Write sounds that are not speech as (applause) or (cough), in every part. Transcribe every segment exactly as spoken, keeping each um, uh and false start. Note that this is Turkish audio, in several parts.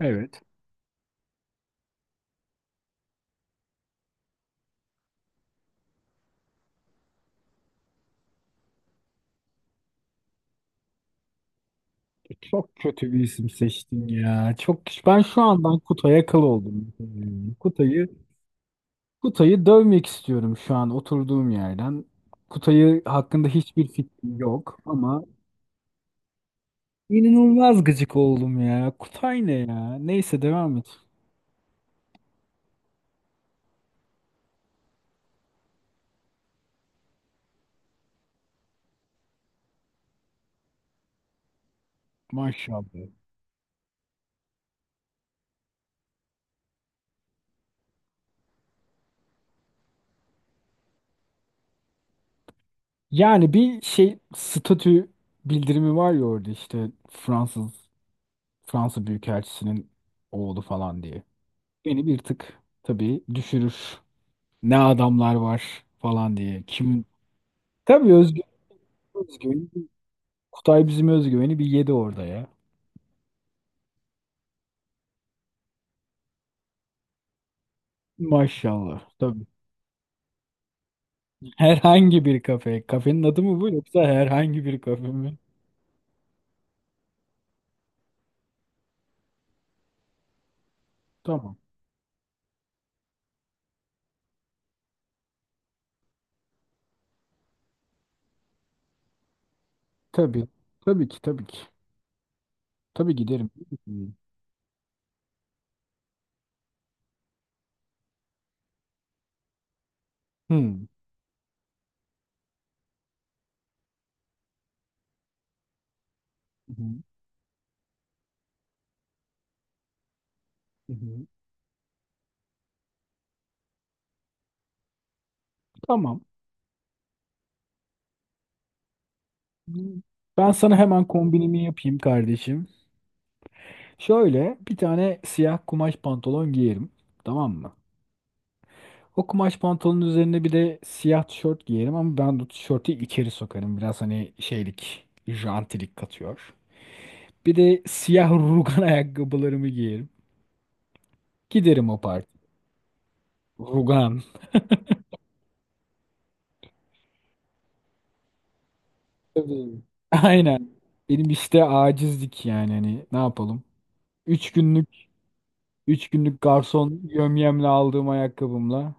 Evet. Çok kötü bir isim seçtin ya. Çok ben şu andan Kutay'a kıl oldum. Kutay'ı Kutay'ı dövmek istiyorum şu an oturduğum yerden. Kutay'ı hakkında hiçbir fikrim yok ama inanılmaz gıcık oldum ya. Kutay ne ya? Neyse devam et. Maşallah. Yani bir şey statü bildirimi var ya orada işte Fransız Fransa Büyükelçisi'nin oğlu falan diye. Beni bir tık tabii düşürür. Ne adamlar var falan diye. Kim? Tabii özgü, özgüveni, Kutay bizim özgüveni bir yedi orada ya. Maşallah. Tabii. Herhangi bir kafe. Kafenin adı mı bu yoksa herhangi bir kafe mi? Tamam. Tabii. Tabii ki tabii ki. Tabii giderim. Hmm. Hmm. Hmm. Hmm. Tamam. Ben sana hemen kombinimi yapayım kardeşim. Şöyle bir tane siyah kumaş pantolon giyerim. Tamam mı? O kumaş pantolonun üzerine bir de siyah tişört giyerim ama ben bu tişörtü içeri sokarım. Biraz hani şeylik, jantilik katıyor. Bir de siyah rugan (laughs) ayakkabılarımı giyerim. Giderim o parti. Rugan. Tabii. (laughs) Aynen. Benim işte acizlik yani hani ne yapalım? Üç günlük üç günlük garson yömyemle aldığım ayakkabımla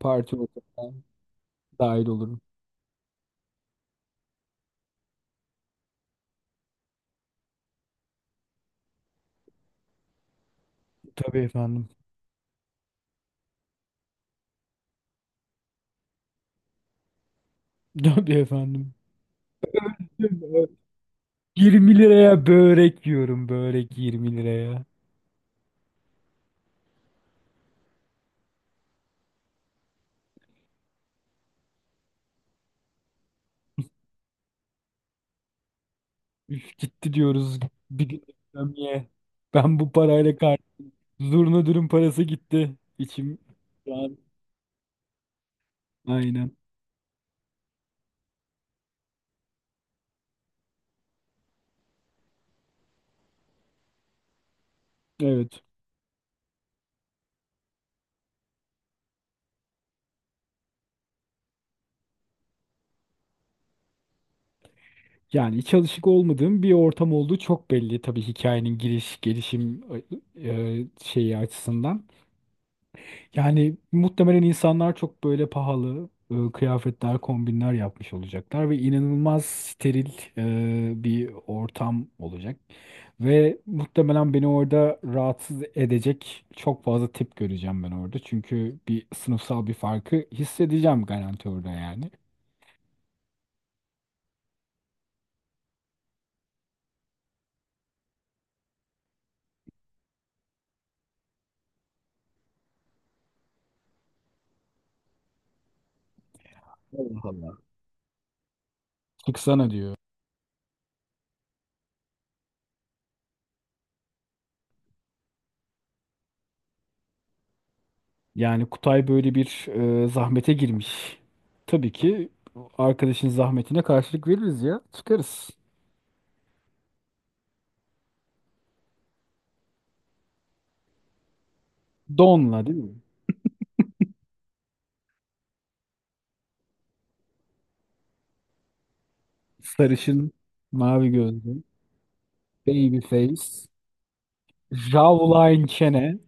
parti ortamına dahil olurum. Tabii efendim. (laughs) Tabii efendim. yirmi liraya börek yiyorum. Börek yirmi liraya. Üf, gitti diyoruz. Bir gün ikramiye. Ben bu parayla kar. Zurna dürüm parası gitti. İçim. Şu an- Aynen. Evet. Yani hiç alışık olmadığım bir ortam olduğu çok belli. Tabii hikayenin giriş, gelişim e, şeyi açısından. Yani muhtemelen insanlar çok böyle pahalı e, kıyafetler, kombinler yapmış olacaklar ve inanılmaz steril e, bir ortam olacak. Ve muhtemelen beni orada rahatsız edecek çok fazla tip göreceğim ben orada. Çünkü bir sınıfsal bir farkı hissedeceğim garanti orada yani. Allah Allah. Çıksana diyor. Yani Kutay böyle bir e, zahmete girmiş. Tabii ki arkadaşın zahmetine karşılık veririz ya. Çıkarız. Donla değil mi? Sarışın, mavi gözlü, baby face, jawline çene.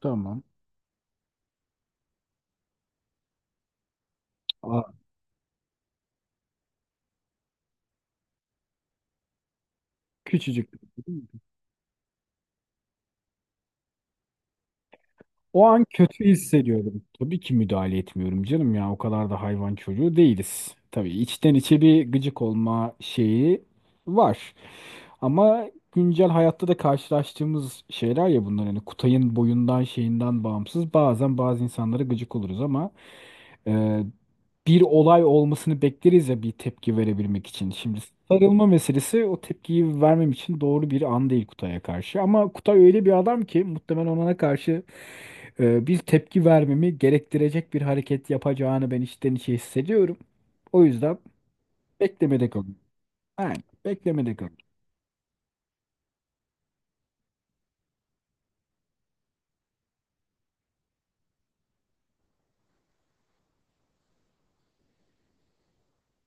Tamam. Aa, küçücük. O an kötü hissediyordum. Tabii ki müdahale etmiyorum canım ya. O kadar da hayvan çocuğu değiliz. Tabii içten içe bir gıcık olma şeyi var. Ama güncel hayatta da karşılaştığımız şeyler ya bunlar. Hani Kutay'ın boyundan şeyinden bağımsız. Bazen bazı insanlara gıcık oluruz ama e, bir olay olmasını bekleriz ya bir tepki verebilmek için. Şimdi sarılma meselesi o tepkiyi vermem için doğru bir an değil Kutay'a karşı. Ama Kutay öyle bir adam ki muhtemelen ona karşı e, bir tepki vermemi gerektirecek bir hareket yapacağını ben içten içe hissediyorum. O yüzden beklemede kalın. Ben beklemede kalın.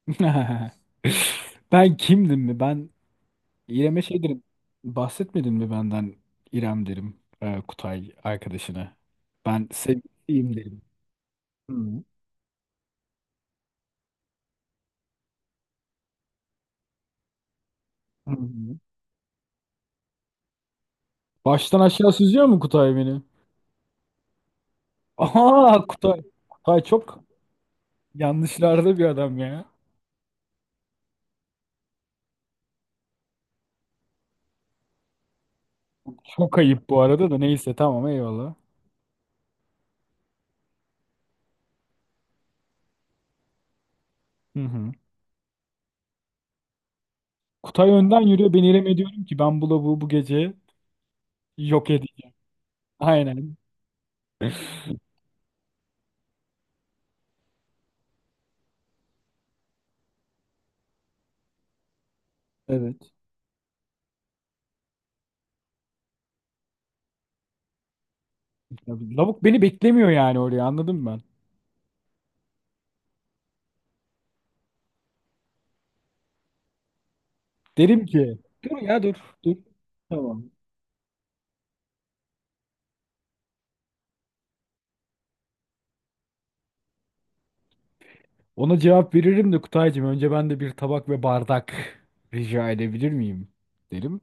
(laughs) Ben kimdim mi? Ben İrem'e şey derim. Bahsetmedin mi benden İrem derim. e, Kutay arkadaşına. Ben sevgilisiyim derim. Hı hı. Baştan aşağı süzüyor mu Kutay beni? Aha Kutay. Kutay çok yanlışlarda bir adam ya. Çok ayıp bu arada da neyse tamam eyvallah. Hı hı. Kutay önden yürüyor. Ben İrem'e diyorum ki ben bu lavuğu bu gece yok edeyim. Aynen. Evet. Lavuk beni beklemiyor yani oraya anladın mı ben? Derim ki dur ya dur dur. Tamam. Ona cevap veririm de Kutaycığım önce ben de bir tabak ve bardak rica edebilir miyim derim.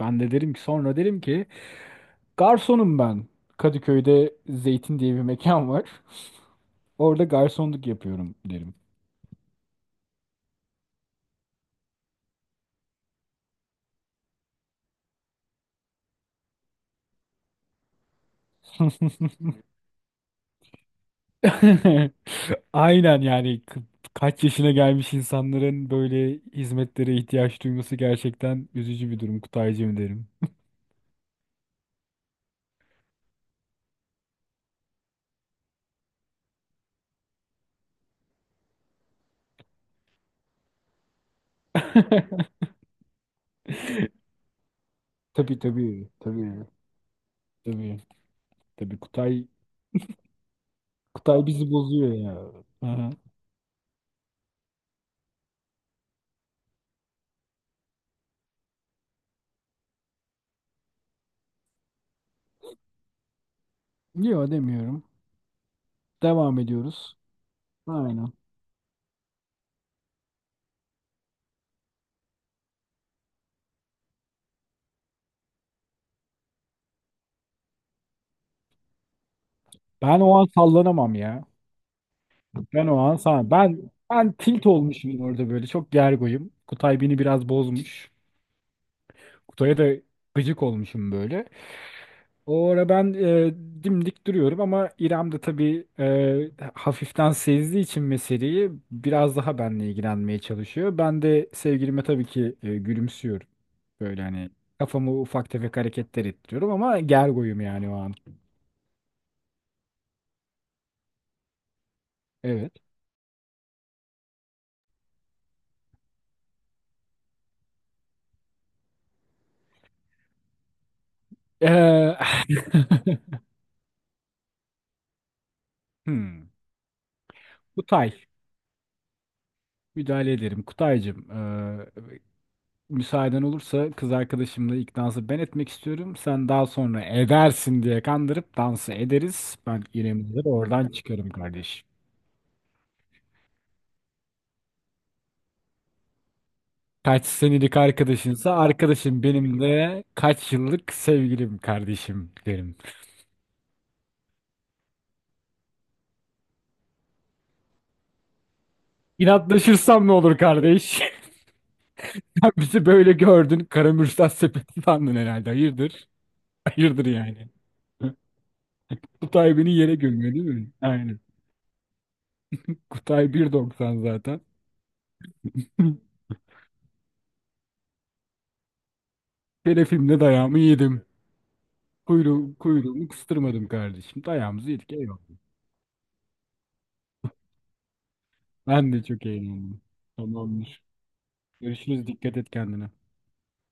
Ben de derim ki sonra derim ki garsonum ben. Kadıköy'de Zeytin diye bir mekan var. Orada garsonluk yapıyorum derim. (laughs) Aynen yani ka- kaç yaşına gelmiş insanların böyle hizmetlere ihtiyaç duyması gerçekten üzücü bir durum Kutaycığım derim. (laughs) Tabii, tabii, tabii, tabii, tabii, Kutay Kutay bizi bozuyor ya. Hı hı. Yok demiyorum. Devam ediyoruz. Aynen. Ben o an sallanamam ya. Ben o an sana ben ben tilt olmuşum orada böyle çok gergoyum. Kutay beni biraz bozmuş. Kutay'a da gıcık olmuşum böyle. O ara ben e, dimdik duruyorum ama İrem de tabii e, hafiften sezdiği için meseleyi biraz daha benle ilgilenmeye çalışıyor. Ben de sevgilime tabii ki e, gülümsüyorum. Böyle hani kafamı ufak tefek hareketler ettiriyorum ama gergoyum yani o an. Evet. Ee, (laughs) hmm. Kutay. Müdahale ederim. Kutaycığım. e, müsaaden olursa kız arkadaşımla ilk dansı ben etmek istiyorum. Sen daha sonra edersin diye kandırıp dansı ederiz. Ben İrem'i de oradan çıkarım kardeşim. Kaç senelik arkadaşınsa arkadaşım benim de kaç yıllık sevgilim kardeşim derim. İnatlaşırsam ne olur kardeş? (laughs) Sen bizi böyle gördün. Karamürsel sepeti sandın herhalde. Hayırdır? Hayırdır yani. (laughs) Kutay beni yere gömüyor değil mi? Aynen. Kutay bir doksan zaten. (laughs) Telefimle dayağımı yedim. Kuyruğu, kuyruğumu kıstırmadım kardeşim. Dayağımızı yedik eyvallah. Ben de çok eğlendim. Tamamdır. Görüşürüz. Dikkat et kendine.